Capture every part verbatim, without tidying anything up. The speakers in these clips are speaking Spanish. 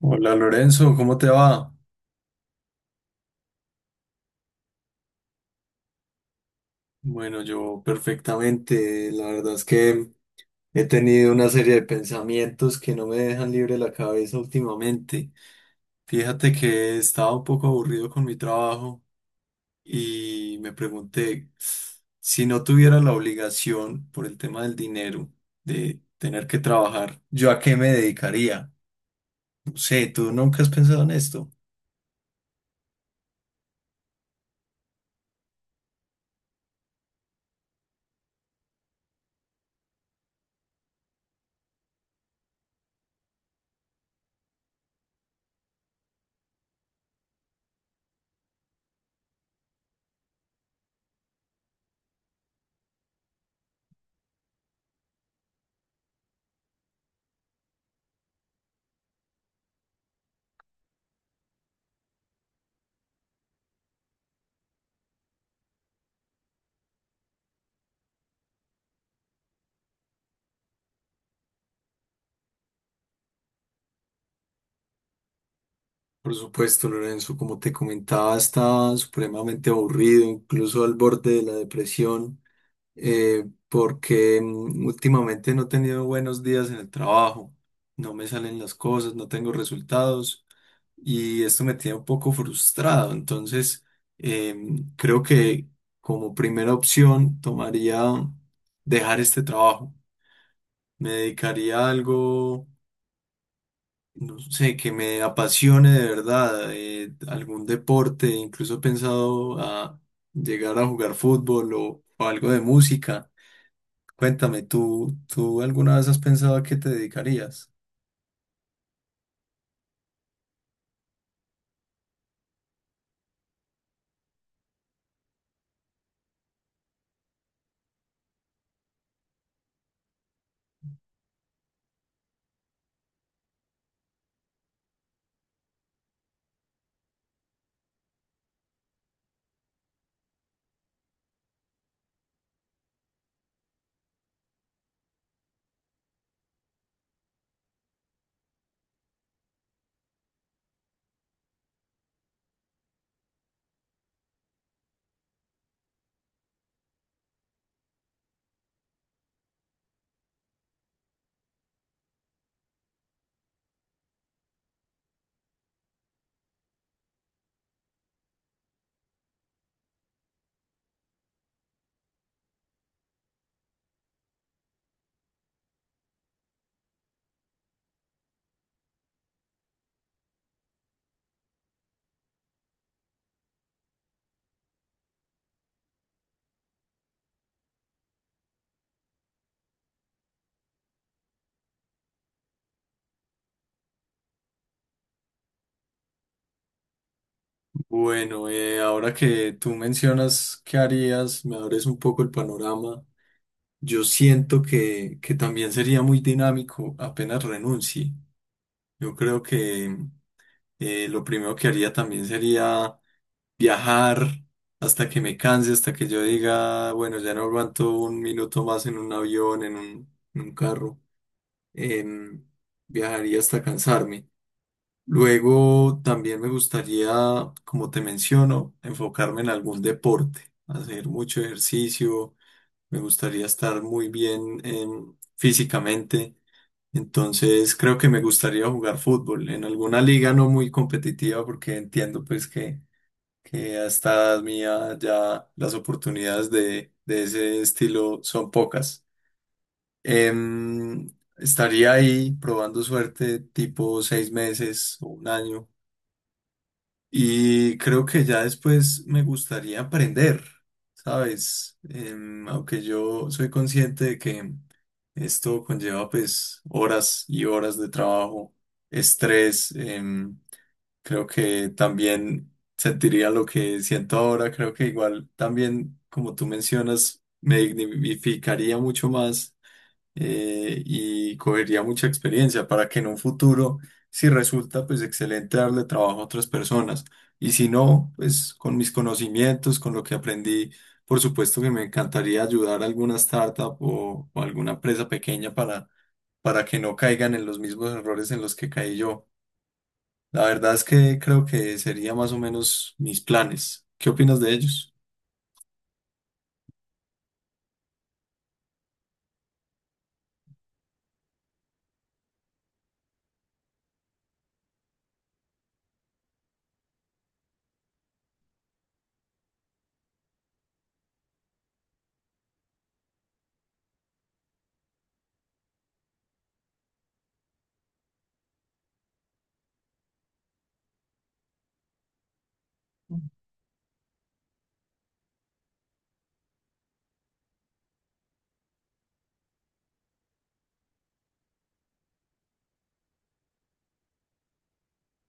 Hola Lorenzo, ¿cómo te va? Bueno, yo perfectamente. La verdad es que he tenido una serie de pensamientos que no me dejan libre la cabeza últimamente. Fíjate que estaba un poco aburrido con mi trabajo y me pregunté si no tuviera la obligación por el tema del dinero de tener que trabajar, ¿yo a qué me dedicaría? No sé, ¿tú nunca has pensado en esto? Por supuesto, Lorenzo, como te comentaba, estaba supremamente aburrido, incluso al borde de la depresión, eh, porque mm, últimamente no he tenido buenos días en el trabajo, no me salen las cosas, no tengo resultados y esto me tiene un poco frustrado. Entonces, eh, creo que como primera opción tomaría dejar este trabajo, me dedicaría a algo no sé, que me apasione de verdad, eh, algún deporte, incluso he pensado a llegar a jugar fútbol o, o algo de música. Cuéntame, ¿tú, tú alguna vez has pensado a qué te dedicarías? Bueno, eh, ahora que tú mencionas qué harías, me abres un poco el panorama. Yo siento que, que también sería muy dinámico apenas renuncie. Yo creo que eh, lo primero que haría también sería viajar hasta que me canse, hasta que yo diga, bueno, ya no aguanto un minuto más en un avión, en un, en un carro. em, Viajaría hasta cansarme. Luego también me gustaría, como te menciono, enfocarme en algún deporte, hacer mucho ejercicio. Me gustaría estar muy bien em, físicamente. Entonces creo que me gustaría jugar fútbol en alguna liga no muy competitiva porque entiendo pues que que a esta edad mía ya las oportunidades de, de ese estilo son pocas. Em, Estaría ahí probando suerte tipo seis meses o un año y creo que ya después me gustaría aprender, ¿sabes? Em, aunque yo soy consciente de que esto conlleva pues horas y horas de trabajo, estrés. em, Creo que también sentiría lo que siento ahora. Creo que igual también, como tú mencionas, me dignificaría mucho más eh, y cogería mucha experiencia para que en un futuro, si resulta, pues excelente darle trabajo a otras personas. Y si no, pues con mis conocimientos, con lo que aprendí, por supuesto que me encantaría ayudar a alguna startup o, o alguna empresa pequeña para, para que no caigan en los mismos errores en los que caí yo. La verdad es que creo que sería más o menos mis planes. ¿Qué opinas de ellos?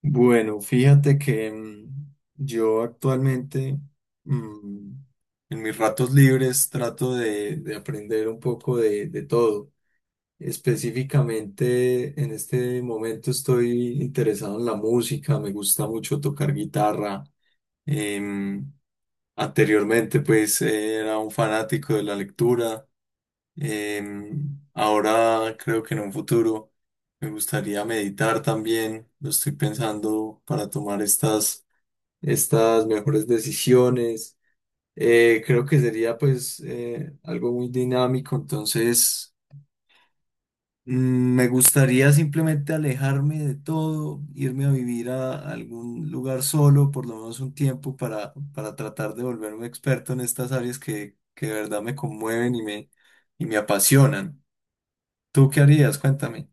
Bueno, fíjate que mm, yo actualmente mm, en mis ratos libres trato de, de aprender un poco de, de todo. Específicamente en este momento estoy interesado en la música, me gusta mucho tocar guitarra. Em, Anteriormente pues era un fanático de la lectura. Em, ahora creo que en un futuro me gustaría meditar también. Lo estoy pensando para tomar estas, estas mejores decisiones. Eh, creo que sería pues eh, algo muy dinámico. Entonces, mm, me gustaría simplemente alejarme de todo, irme a vivir a algún lugar solo, por lo menos un tiempo para, para tratar de volverme experto en estas áreas que, que de verdad me conmueven y me, y me apasionan. ¿Tú qué harías? Cuéntame.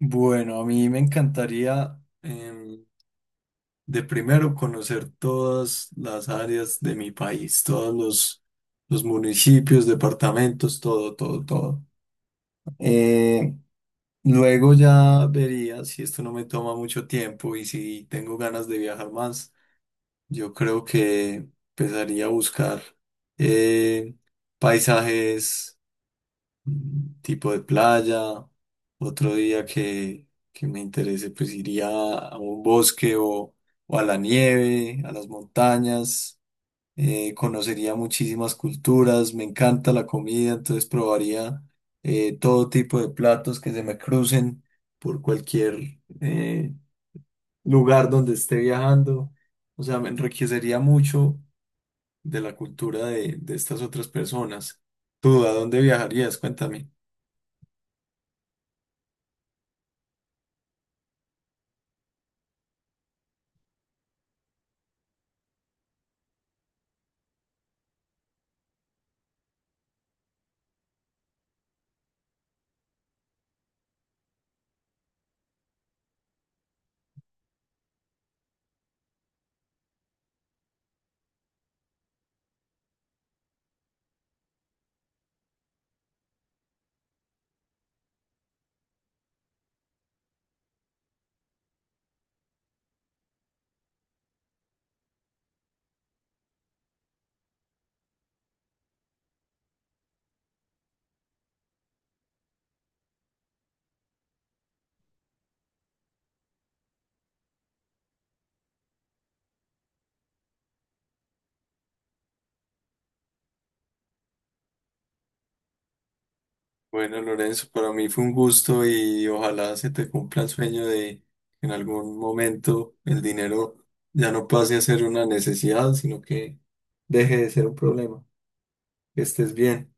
Bueno, a mí me encantaría em, de primero conocer todas las áreas de mi país, todos los, los municipios, departamentos, todo, todo, todo. Eh, Luego ya vería si esto no me toma mucho tiempo y si tengo ganas de viajar más. Yo creo que empezaría a buscar eh, paisajes tipo de playa. Otro día que, que me interese, pues iría a un bosque o, o a la nieve, a las montañas. Eh, conocería muchísimas culturas. Me encanta la comida, entonces probaría eh, todo tipo de platos que se me crucen por cualquier eh, lugar donde esté viajando. O sea, me enriquecería mucho de la cultura de, de estas otras personas. ¿Tú a dónde viajarías? Cuéntame. Bueno, Lorenzo, para mí fue un gusto y ojalá se te cumpla el sueño de que en algún momento el dinero ya no pase a ser una necesidad, sino que deje de ser un problema. Que estés bien.